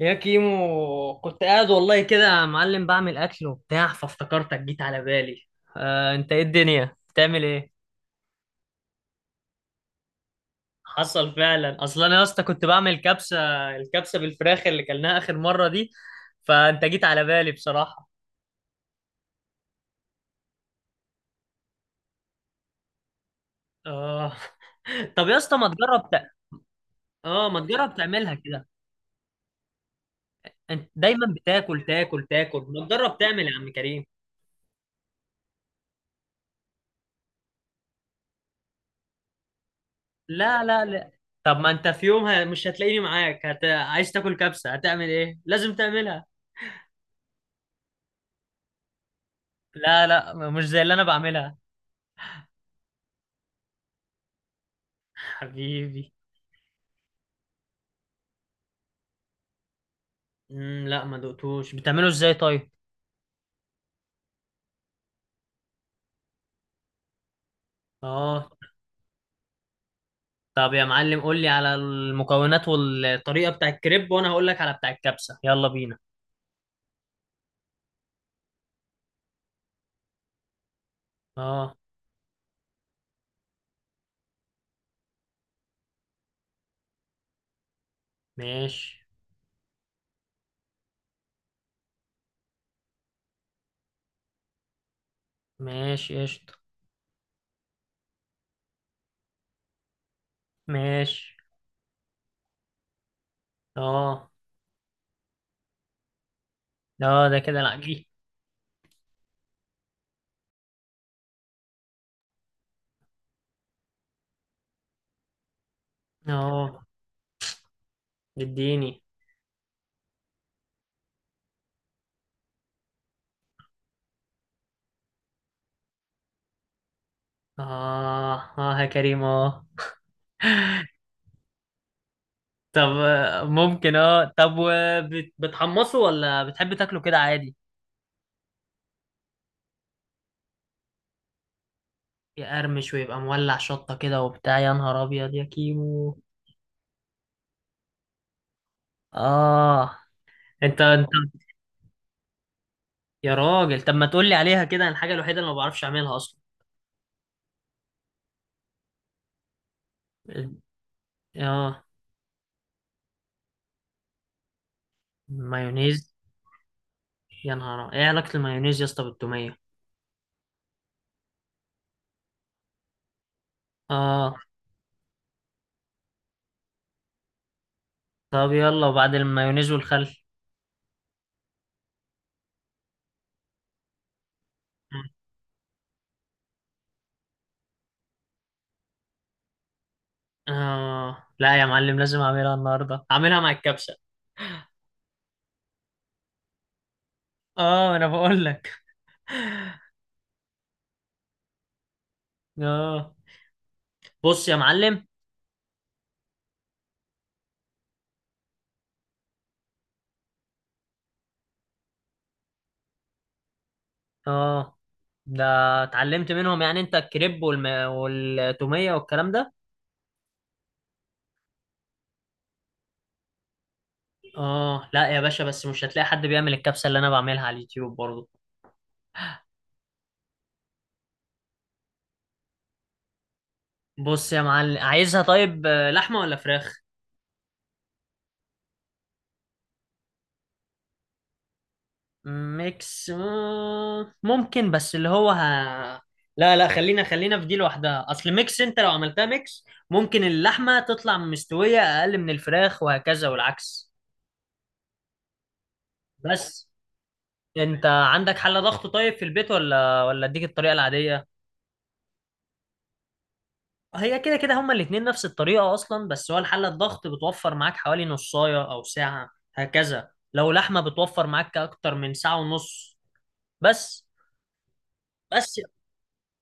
يا كيمو، كنت قاعد والله كده يا معلم بعمل اكل وبتاع فافتكرتك، جيت على بالي. انت ايه؟ الدنيا بتعمل ايه؟ حصل فعلا، اصلا انا يا اسطى كنت بعمل كبسه. الكبسه بالفراخ اللي كلناها اخر مره دي، فانت جيت على بالي بصراحه. اه. طب يا اسطى ما تجرب اه، ما تجرب تعملها كده. انت دايما بتاكل، تاكل، ما تجرب تعمل يا عم كريم؟ لا لا لا. طب ما انت في يوم مش هتلاقيني معاك عايز تاكل كبسه، هتعمل ايه؟ لازم تعملها. لا لا، مش زي اللي انا بعملها. حبيبي. مم، لا، ما دقتوش. بتعمله ازاي طيب؟ اه. طب يا معلم، قول لي على المكونات والطريقة بتاع الكريب، وانا هقول لك على بتاع الكبسة، يلا بينا. اه. ماشي. ماشي قشطة. ماشي. اه. اه، ده كده العجين. اه. اديني. اه. اه يا كريم، اه. طب ممكن. اه طب، بتحمصه ولا بتحب تاكله كده عادي؟ يقرمش ويبقى مولع شطة كده وبتاع، يا نهار أبيض يا كيمو. آه. أنت. يا راجل، طب ما تقولي عليها كده، أنا الحاجة الوحيدة اللي ما بعرفش أعملها أصلا. ال- آه. مايونيز. يا نهار، إيه علاقة المايونيز يا اسطى بالتومية؟ آه. طب يلا، وبعد المايونيز والخل؟ آه لا يا معلم، لازم أعملها النهاردة، أعملها مع الكبسة. آه، أنا بقول لك. آه. بص يا معلم. آه. ده اتعلمت منهم يعني أنت الكريب والتومية والكلام ده؟ اه لا يا باشا، بس مش هتلاقي حد بيعمل الكبسة اللي انا بعملها على اليوتيوب برضو. بص يا معلم، عايزها طيب لحمة ولا فراخ؟ ميكس ممكن، بس اللي هو لا لا، خلينا في دي لوحدها، اصل ميكس، انت لو عملتها ميكس ممكن اللحمة تطلع مستوية اقل من الفراخ وهكذا، والعكس. بس. انت عندك حل ضغط طيب في البيت ولا اديك الطريقة العادية؟ هي كده كده هما الاتنين نفس الطريقة أصلا، بس هو الحلة الضغط بتوفر معاك حوالي نصاية أو ساعة. هكذا لو لحمة، بتوفر معاك أكتر من ساعة ونص. بس. بس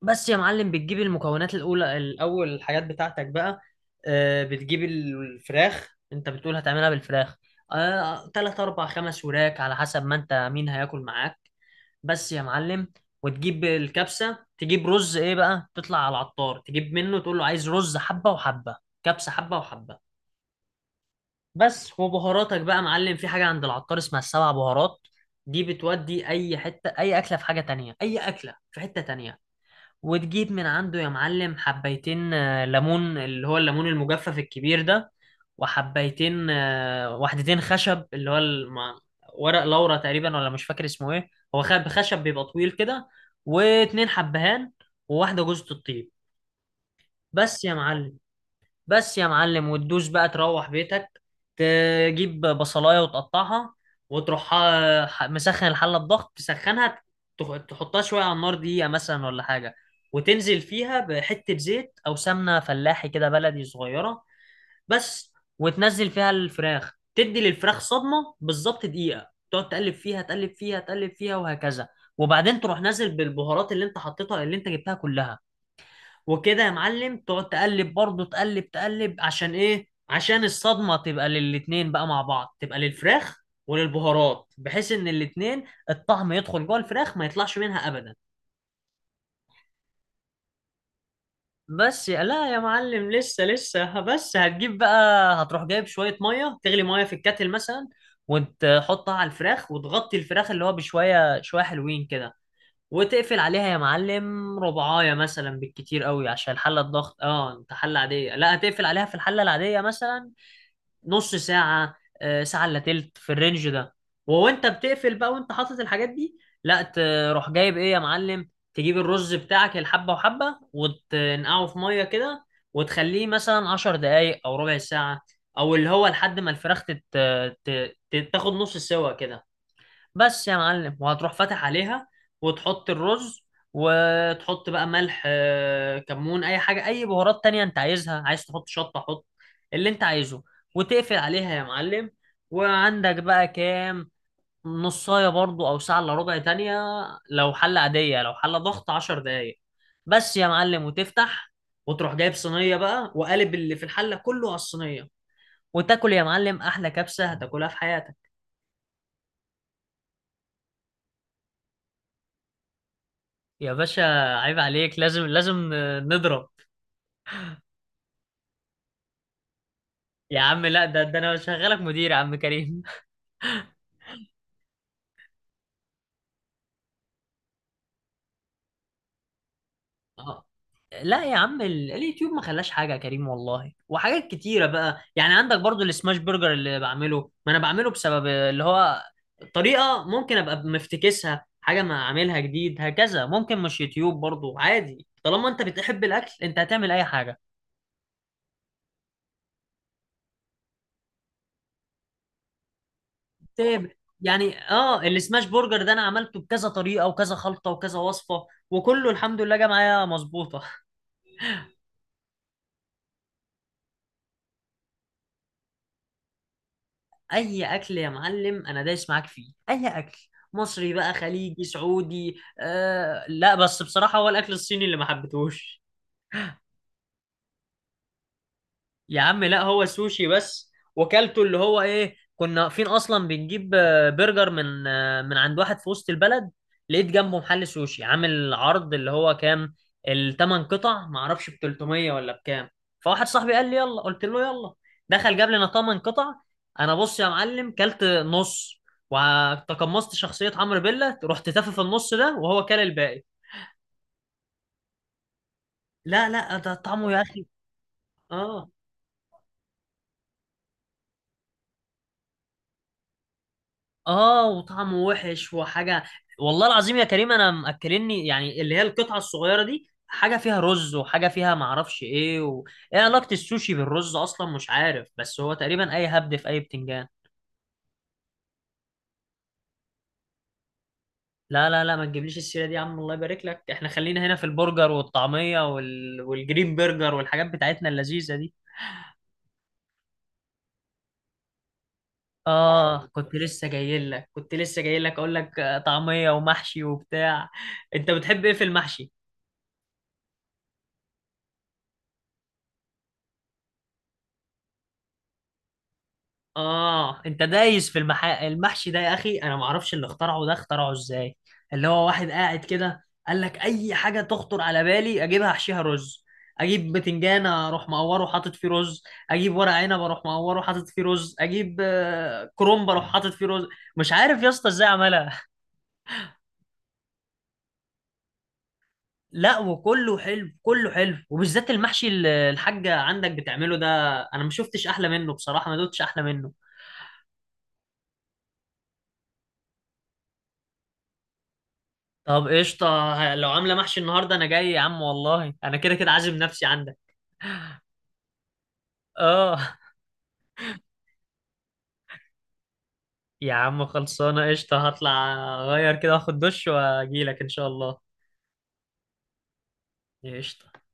بس يا معلم، بتجيب المكونات الأولى، الأول الحاجات بتاعتك بقى. بتجيب الفراخ، أنت بتقول هتعملها بالفراخ. تلات أربع خمس وراك على حسب ما أنت مين هياكل معاك. بس يا معلم، وتجيب الكبسة، تجيب رز. ايه بقى؟ تطلع على العطار تجيب منه، تقول له عايز رز حبة وحبة. كبسة حبة وحبة. بس. وبهاراتك بقى يا معلم، في حاجة عند العطار اسمها السبع بهارات. دي بتودي اي حتة، اي اكلة في حاجة تانية، اي اكلة في حتة تانية. وتجيب من عنده يا معلم حبيتين ليمون، اللي هو الليمون المجفف الكبير ده. وحبيتين وحدتين خشب، اللي هو ورق لورا تقريبا، ولا مش فاكر اسمه ايه. هو خشب بيبقى طويل كده. واتنين حبهان. وواحدة جوزة الطيب. بس يا معلم. بس يا معلم، وتدوس بقى تروح بيتك، تجيب بصلاية وتقطعها. وتروح مسخن الحلة بضغط، تسخنها. تحطها شوية على النار، دقيقة مثلا ولا حاجة. وتنزل فيها بحتة زيت أو سمنة فلاحي كده بلدي صغيرة. بس. وتنزل فيها الفراخ، تدي للفراخ صدمة بالظبط، دقيقة تقعد تقلب فيها، تقلب فيها وهكذا. وبعدين تروح نازل بالبهارات اللي انت حطيتها، اللي انت جبتها كلها. وكده يا معلم، تقعد تقلب برضه، تقلب، عشان ايه؟ عشان الصدمة تبقى للاتنين بقى مع بعض، تبقى للفراخ وللبهارات، بحيث ان الاتنين الطعم يدخل جوه الفراخ، ما يطلعش منها ابدا. لا يا معلم، لسه، بس هتجيب بقى. هتروح جايب شوية مية تغلي، مية في الكاتل مثلا. وتحطها على الفراخ، وتغطي الفراخ، اللي هو بشوية شوية حلوين كده. وتقفل عليها يا معلم ربعاية مثلا بالكتير قوي، عشان الحلة الضغط. اه، انت حلة عادية، لا، هتقفل عليها في الحلة العادية مثلا نص ساعة. ساعة الا تلت في الرينج ده. وانت بتقفل بقى، وانت حاطط الحاجات دي. لا، تروح جايب ايه يا معلم؟ تجيب الرز بتاعك الحبة وحبة، وتنقعه في مية كده. وتخليه مثلا عشر دقايق او ربع ساعة. او اللي هو لحد ما الفراخ تاخد نص سوا كده. بس يا معلم، وهتروح فاتح عليها. وتحط الرز. وتحط بقى ملح كمون، اي حاجه، اي بهارات تانية انت عايزها، عايز تحط شطه حط، اللي انت عايزه. وتقفل عليها يا معلم. وعندك بقى كام؟ نصايه برضو او ساعه الا ربع تانية لو حله عاديه، لو حله ضغط عشر دقايق. بس يا معلم، وتفتح، وتروح جايب صينيه بقى، وقالب اللي في الحله كله على الصينيه، وتاكل يا معلم احلى كبسه هتاكلها في حياتك. يا باشا، عيب عليك، لازم نضرب. يا عم لا، ده ده انا شغالك مدير يا عم كريم. آه. لا يا عم، اليوتيوب ما خلاش حاجه يا كريم والله. وحاجات كتيره بقى يعني، عندك برضو السماش برجر اللي بعمله، ما انا بعمله بسبب اللي هو طريقه، ممكن ابقى مفتكسها حاجه، ما اعملها جديد، هكذا. ممكن مش يوتيوب برضو، عادي، طالما انت بتحب الاكل انت هتعمل اي حاجه. تابع. يعني اه السماش برجر ده انا عملته بكذا طريقه وكذا خلطه وكذا وصفه، وكله الحمد لله جه معايا مظبوطه. اي اكل يا معلم، انا دايس معاك فيه، اي اكل، مصري بقى، خليجي، سعودي، آه، لا، بس بصراحه هو الاكل الصيني اللي ما حبيتهوش. يا عم لا، هو سوشي بس، وكلته. اللي هو ايه، كنا واقفين اصلا بنجيب برجر من من عند واحد في وسط البلد، لقيت جنبه محل سوشي عامل عرض، اللي هو كام، الثمان قطع ما اعرفش ب 300 ولا بكام. فواحد صاحبي قال لي يلا، قلت له يلا. دخل جاب لنا ثمان قطع. انا بص يا معلم كلت نص، وتقمصت شخصية عمرو بيلا، رحت تافه في النص ده وهو كل الباقي. لا لا، ده طعمه يا اخي. اه. اه وطعمه وحش وحاجه. والله العظيم يا كريم، انا مأكلني يعني اللي هي القطعه الصغيره دي، حاجه فيها رز، وحاجه فيها معرفش ايه ايه علاقه السوشي بالرز اصلا؟ مش عارف، بس هو تقريبا اي هبد في اي بتنجان. لا لا لا، ما تجيبليش السيره دي يا عم، الله يبارك لك، احنا خلينا هنا في البرجر والطعميه والجرين برجر والحاجات بتاعتنا اللذيذه دي. اه، كنت لسه جاي لك، اقول لك طعميه ومحشي وبتاع. انت بتحب ايه في المحشي؟ اه، انت دايس في المحشي ده يا اخي، انا ما اعرفش اللي اخترعه ده اخترعه ازاي. اللي هو واحد قاعد كده قال لك اي حاجه تخطر على بالي اجيبها احشيها رز. اجيب بتنجان اروح مقوره حاطط فيه رز. اجيب ورق عنب اروح مقوره حاطط فيه رز. اجيب كرنب اروح حاطط فيه رز. مش عارف يا اسطى ازاي عملها. لا وكله حلو، كله حلو وبالذات المحشي اللي الحاجه عندك بتعمله ده، انا ما شفتش احلى منه بصراحه، ما دوتش احلى منه. طب قشطة. لو عاملة محشي النهاردة أنا جاي يا عم والله، أنا كده كده عازم نفسي عندك. آه. يا عم خلصانة قشطة، هطلع أغير كده، أخد دش وأجيلك إن شاء الله. قشطة.